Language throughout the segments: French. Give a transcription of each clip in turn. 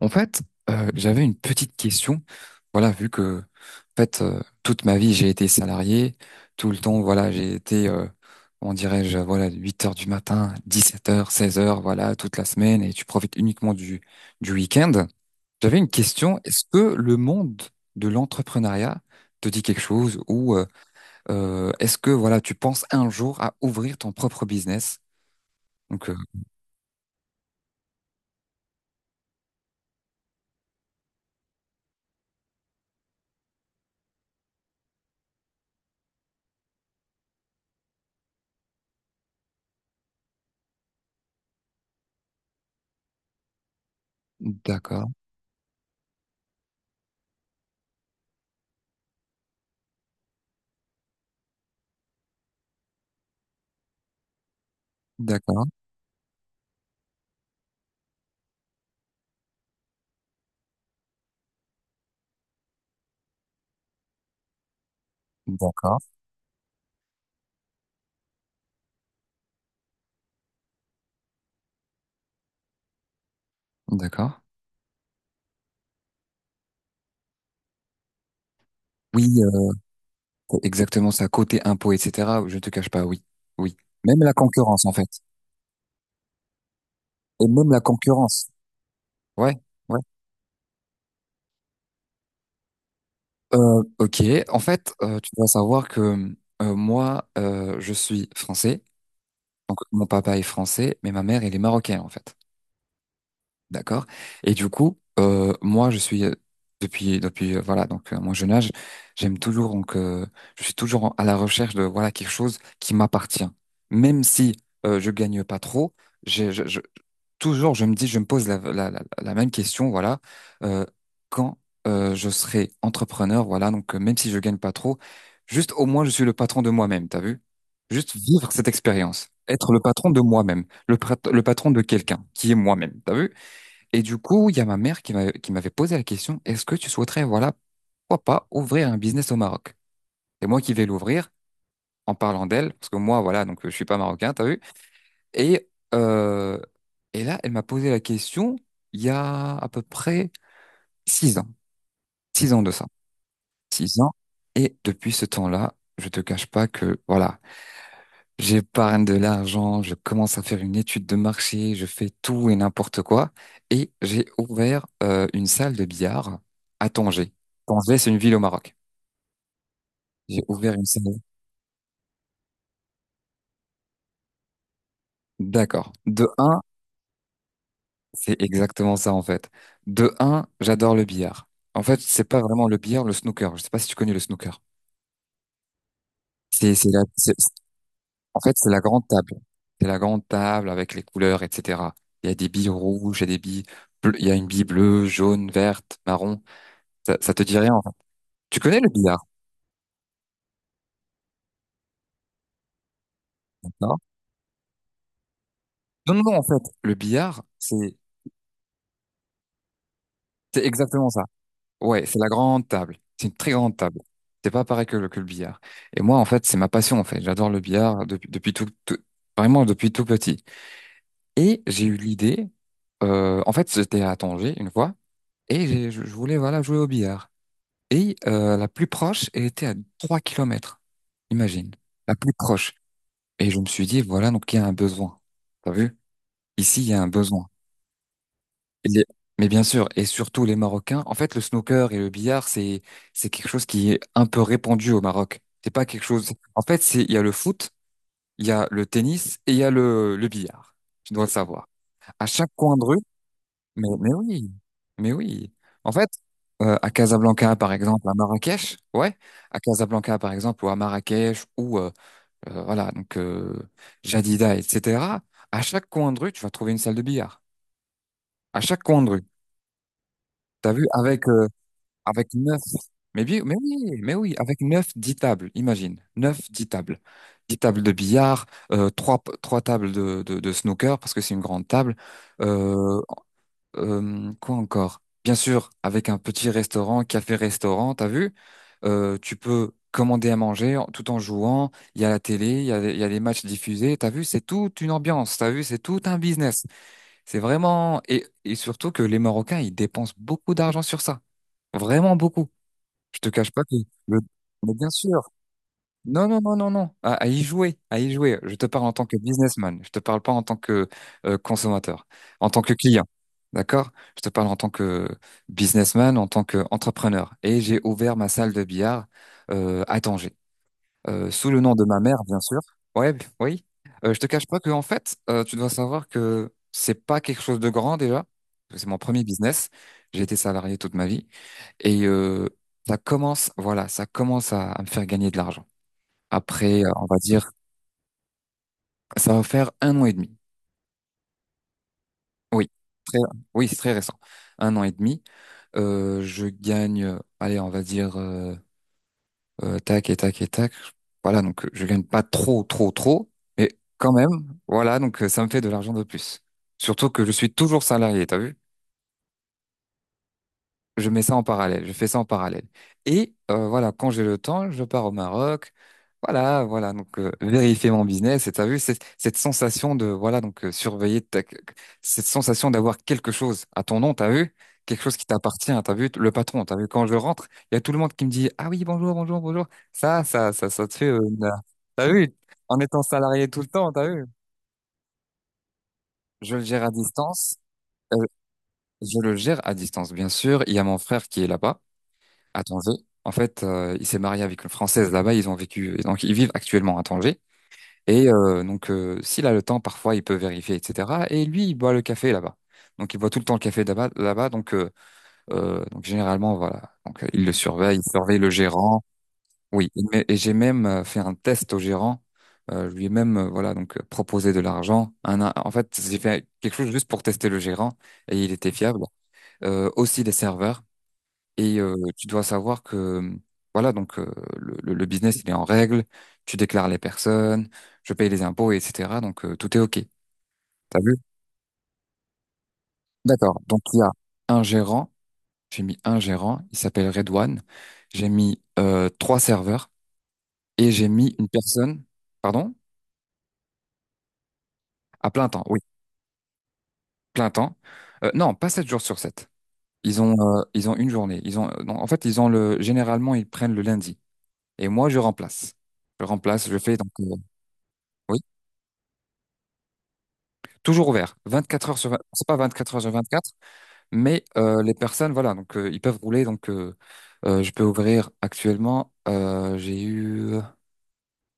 En fait, j'avais une petite question. Voilà, vu que, en fait, toute ma vie, j'ai été salarié. Tout le temps, voilà, j'ai été, on dirait-je, voilà, 8 heures du matin, 17 heures, 16 heures, voilà, toute la semaine, et tu profites uniquement du week-end. J'avais une question. Est-ce que le monde de l'entrepreneuriat te dit quelque chose ou est-ce que, voilà, tu penses un jour à ouvrir ton propre business? Donc, d'accord, d'accord, d'accord, d'accord. Oui, c'est exactement ça, côté impôt, etc. Je ne te cache pas, oui. Oui. Même la concurrence, en fait. Et même la concurrence. Ouais, ouais. Ok. En fait, tu dois savoir que moi, je suis français. Donc, mon papa est français, mais ma mère, elle est marocaine, en fait. D'accord. Et du coup, moi, je suis depuis voilà donc mon jeune âge, j'aime toujours donc je suis toujours à la recherche de voilà quelque chose qui m'appartient, même si je gagne pas trop. j'ai- Je, je- toujours je me dis, je me pose la même question voilà euh, quand je serai entrepreneur voilà donc même si je gagne pas trop, juste au moins je suis le patron de moi-même. T'as vu? Juste vivre cette expérience, être le patron de moi-même, le patron de quelqu'un qui est moi-même. T'as vu? Et du coup, il y a ma mère qui m'avait posé la question, est-ce que tu souhaiterais, voilà, pourquoi pas ouvrir un business au Maroc? C'est moi qui vais l'ouvrir en parlant d'elle, parce que moi, voilà, donc je suis pas marocain, t'as vu? Et, euh, et là, elle m'a posé la question il y a à peu près 6 ans, 6 ans de ça, 6 ans. Et depuis ce temps-là, je te cache pas que, voilà, j'épargne de l'argent, je commence à faire une étude de marché, je fais tout et n'importe quoi. Et j'ai ouvert une salle de billard à Tanger. Tanger, c'est une ville au Maroc. J'ai ouvert une salle. D'accord. De un, c'est exactement ça en fait. De un, j'adore le billard. En fait, c'est pas vraiment le billard, le snooker. Je sais pas si tu connais le snooker. C'est, c'est la, c'est- en fait, c'est la grande table. C'est la grande table avec les couleurs, etc. Il y a des billes rouges, il y a des billes bleues, il y a une bille bleue, jaune, verte, marron. Ça te dit rien, en fait. Tu connais le billard, non? Non, non, non, en fait, le billard, c'est exactement ça. Ouais, c'est la grande table. C'est une très grande table. C'est pas pareil que que le billard. Et moi, en fait, c'est ma passion, en fait. J'adore le billard depuis vraiment depuis tout petit. Et j'ai eu l'idée, en fait, j'étais à Tanger une fois, et je voulais, voilà, jouer au billard. Et la plus proche, elle était à 3 kilomètres. Imagine, la plus proche. Et je me suis dit, voilà, donc il y a un besoin. T'as vu? Ici, il y a un besoin. Les- Mais bien sûr, et surtout les Marocains. En fait, le snooker et le billard, c'est quelque chose qui est un peu répandu au Maroc. C'est pas quelque chose. En fait, c'est il y a le foot, il y a le tennis et il y a le billard. Tu dois le savoir. À chaque coin de rue. Mais oui, mais oui. En fait, à Casablanca par exemple, à Marrakech, ouais, à Casablanca par exemple ou à Marrakech ou voilà donc Jadida, etc. À chaque coin de rue, tu vas trouver une salle de billard. À chaque coin de rue. T'as vu avec neuf. Mais oui, mais oui, mais oui, avec neuf, dix tables, imagine. Neuf, dix tables. Dix tables de billard, trois tables de snooker, parce que c'est une grande table. Euh, quoi encore? Bien sûr, avec un petit restaurant, café-restaurant, t'as vu? Tu peux commander à manger tout en jouant. Il y a la télé, il y a les matchs diffusés. T'as vu, c'est toute une ambiance. T'as vu, c'est tout un business. C'est vraiment. Et surtout que les Marocains, ils dépensent beaucoup d'argent sur ça. Vraiment beaucoup. Je te cache pas que le. Mais bien sûr. Non, non, non, non, non. À y jouer, à y jouer. Je te parle en tant que businessman. Je te parle pas en tant que consommateur, en tant que client. D'accord? Je te parle en tant que businessman, en tant qu'entrepreneur. Et j'ai ouvert ma salle de billard à Tanger sous le nom de ma mère, bien sûr. Ouais, oui. Je te cache pas que en fait, tu dois savoir que c'est pas quelque chose de grand déjà. Parce que c'est mon premier business. J'ai été salarié toute ma vie et ça commence, voilà, ça commence à me faire gagner de l'argent. Après, on va dire, ça va faire un an et demi. Oui, très, oui, c'est très récent. Un an et demi. Je gagne, allez, on va dire tac et tac et tac. Voilà, donc je gagne pas trop, trop, trop, mais quand même, voilà, donc ça me fait de l'argent de plus. Surtout que je suis toujours salarié, t'as vu? Je mets ça en parallèle, je fais ça en parallèle. Et voilà, quand j'ai le temps, je pars au Maroc. Voilà, voilà, donc vérifier mon business. Et t'as vu cette sensation de voilà, donc cette sensation d'avoir quelque chose à ton nom, t'as vu? Quelque chose qui t'appartient, t'as vu le patron, t'as vu quand je rentre, il y a tout le monde qui me dit ah oui bonjour bonjour bonjour. Ça te fait t'as vu en étant salarié tout le temps, t'as vu? Je le gère à distance. euh, je le gère à distance, bien sûr. Il y a mon frère qui est là-bas. À Tanger. En fait, il s'est marié avec une Française là-bas. Ils ont vécu, et donc ils vivent actuellement à Tanger. Et donc, s'il a le temps, parfois, il peut vérifier, etc. Et lui, il boit le café là-bas. Donc, il boit tout le temps le café là-bas. Là-bas, donc généralement, voilà. Donc, il le surveille, il surveille le gérant. Oui. Et j'ai même fait un test au gérant. Je lui ai même, voilà, donc proposé de l'argent. En fait, j'ai fait quelque chose juste pour tester le gérant et il était fiable. Aussi les serveurs. Et tu dois savoir que, voilà, donc le business, il est en règle, tu déclares les personnes, je paye les impôts, etc. Donc tout est OK. T'as vu? D'accord. Donc il y a un gérant, j'ai mis un gérant, il s'appelle Redouane, j'ai mis trois serveurs et j'ai mis une personne, pardon, à plein temps, oui, plein temps. Non, pas sept jours sur sept. Ils ont, ils ont une journée. Ils ont, non, en fait, ils ont généralement, ils prennent le lundi. Et moi, je remplace. Je remplace, je fais donc. Toujours ouvert, 24 heures sur 20, c'est pas 24 heures sur 24, mais les personnes, voilà, donc ils peuvent rouler, donc je peux ouvrir actuellement, j'ai eu,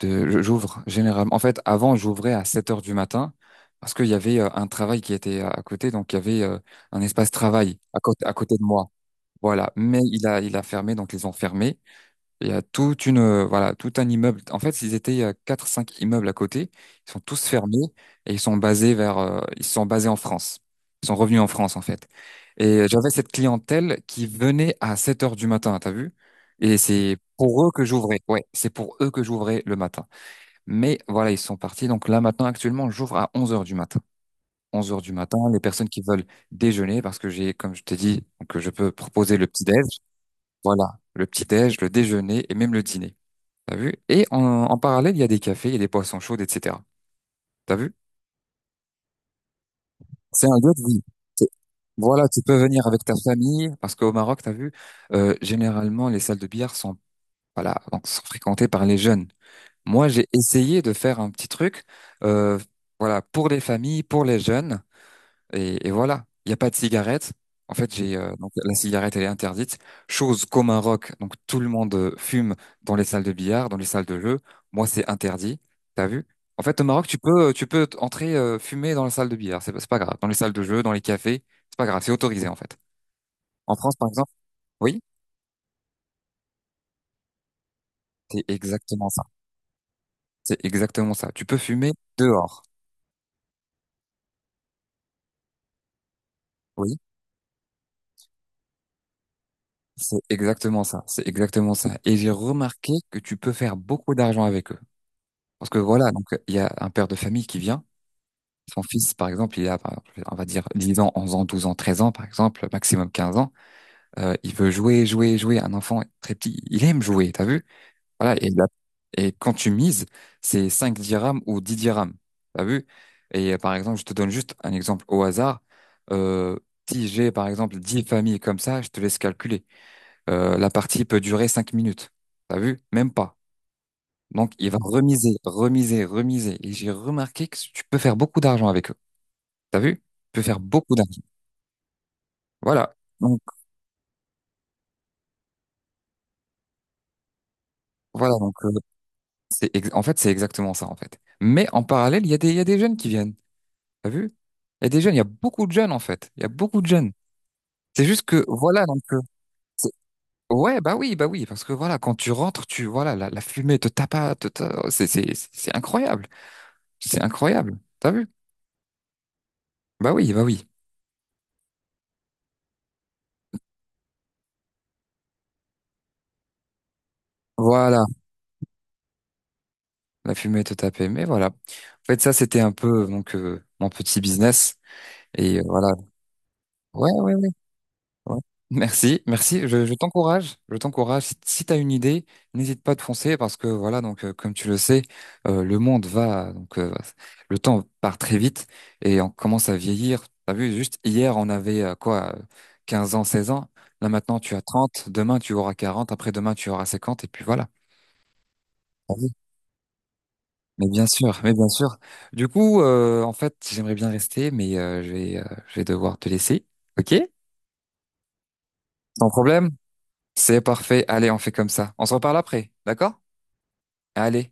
j'ouvre généralement, en fait avant j'ouvrais à 7 heures du matin, parce qu'il y avait un travail qui était à côté, donc il y avait un espace travail à côté de moi, voilà, mais il a fermé, donc ils ont fermé, il y a tout un immeuble. En fait, ils étaient, il y a 4-5 immeubles à côté. Ils sont tous fermés et ils sont basés en France. Ils sont revenus en France, en fait. Et j'avais cette clientèle qui venait à 7 heures du matin, t'as vu? Et c'est pour eux que j'ouvrais. Ouais, c'est pour eux que j'ouvrais le matin. Mais voilà, ils sont partis. Donc là, maintenant, actuellement, j'ouvre à 11 heures du matin. 11 heures du matin, les personnes qui veulent déjeuner, parce que j'ai, comme je t'ai dit, que je peux proposer le petit-déj. Voilà, le petit-déj, le déjeuner et même le dîner. T'as vu? Et en parallèle, il y a des cafés, il y a des poissons chauds, etc. T'as vu? C'est un lieu de vie. C'est- Voilà, tu peux venir avec ta famille, parce qu'au Maroc, t'as vu, généralement, les salles de billard sont, voilà, donc, sont fréquentées par les jeunes. Moi, j'ai essayé de faire un petit truc, euh, voilà, pour les familles, pour les jeunes. Et voilà, il n'y a pas de cigarette. En fait, j'ai donc la cigarette, elle est interdite. Chose comme un rock. Donc tout le monde fume dans les salles de billard, dans les salles de jeu. Moi, c'est interdit. T'as vu? En fait, au Maroc, tu peux entrer fumer dans la salle de billard. C'est pas grave. Dans les salles de jeu, dans les cafés, c'est pas grave. C'est autorisé en fait. En France, par exemple, oui, c'est exactement ça. C'est exactement ça. Tu peux fumer dehors. Oui, c'est exactement ça. C'est exactement ça. Et j'ai remarqué que tu peux faire beaucoup d'argent avec eux. Parce que voilà, donc il y a un père de famille qui vient, son fils par exemple, il a, par exemple, on va dire 10 ans, 11 ans, 12 ans, 13 ans par exemple, maximum 15 ans, il veut jouer, jouer, jouer, un enfant très petit, il aime jouer, t'as vu? Voilà, et quand tu mises, c'est 5 dirhams ou 10 dirhams, t'as vu? Et par exemple, je te donne juste un exemple au hasard. Euh, Si j'ai par exemple 10 familles comme ça, je te laisse calculer. La partie peut durer 5 minutes, t'as vu? Même pas. Donc, il va remiser, remiser, remiser. Et j'ai remarqué que tu peux faire beaucoup d'argent avec eux. T'as vu? Tu peux faire beaucoup d'argent. Voilà. Donc, voilà. Donc, en fait, c'est exactement ça, en fait. Mais en parallèle, il y a des jeunes qui viennent. T'as vu? Il y a des jeunes, il y a beaucoup de jeunes, en fait. Il y a beaucoup de jeunes. C'est juste que, voilà, donc, c'est- ouais, bah oui, parce que voilà, quand tu rentres, tu, voilà, la fumée te tape, c'est incroyable. C'est incroyable. T'as vu? Bah oui, bah oui. Voilà. La fumée te tapait. Mais voilà. En fait, ça, c'était un peu donc mon petit business. Et voilà. Ouais, ouais, ouais. Ouais. Merci, merci. Je t'encourage. Je t'encourage. Si, si tu as une idée, n'hésite pas de foncer parce que voilà, donc comme tu le sais, le monde va, donc le temps part très vite et on commence à vieillir. T'as vu, juste hier, on avait quoi, 15 ans, 16 ans. Là maintenant, tu as 30. Demain tu auras 40. Après-demain tu auras 50. Et puis voilà. Mais bien sûr, mais bien sûr. Du coup, en fait, j'aimerais bien rester, mais je vais devoir te laisser. OK? Sans problème? C'est parfait. Allez, on fait comme ça. On se reparle après, d'accord? Allez.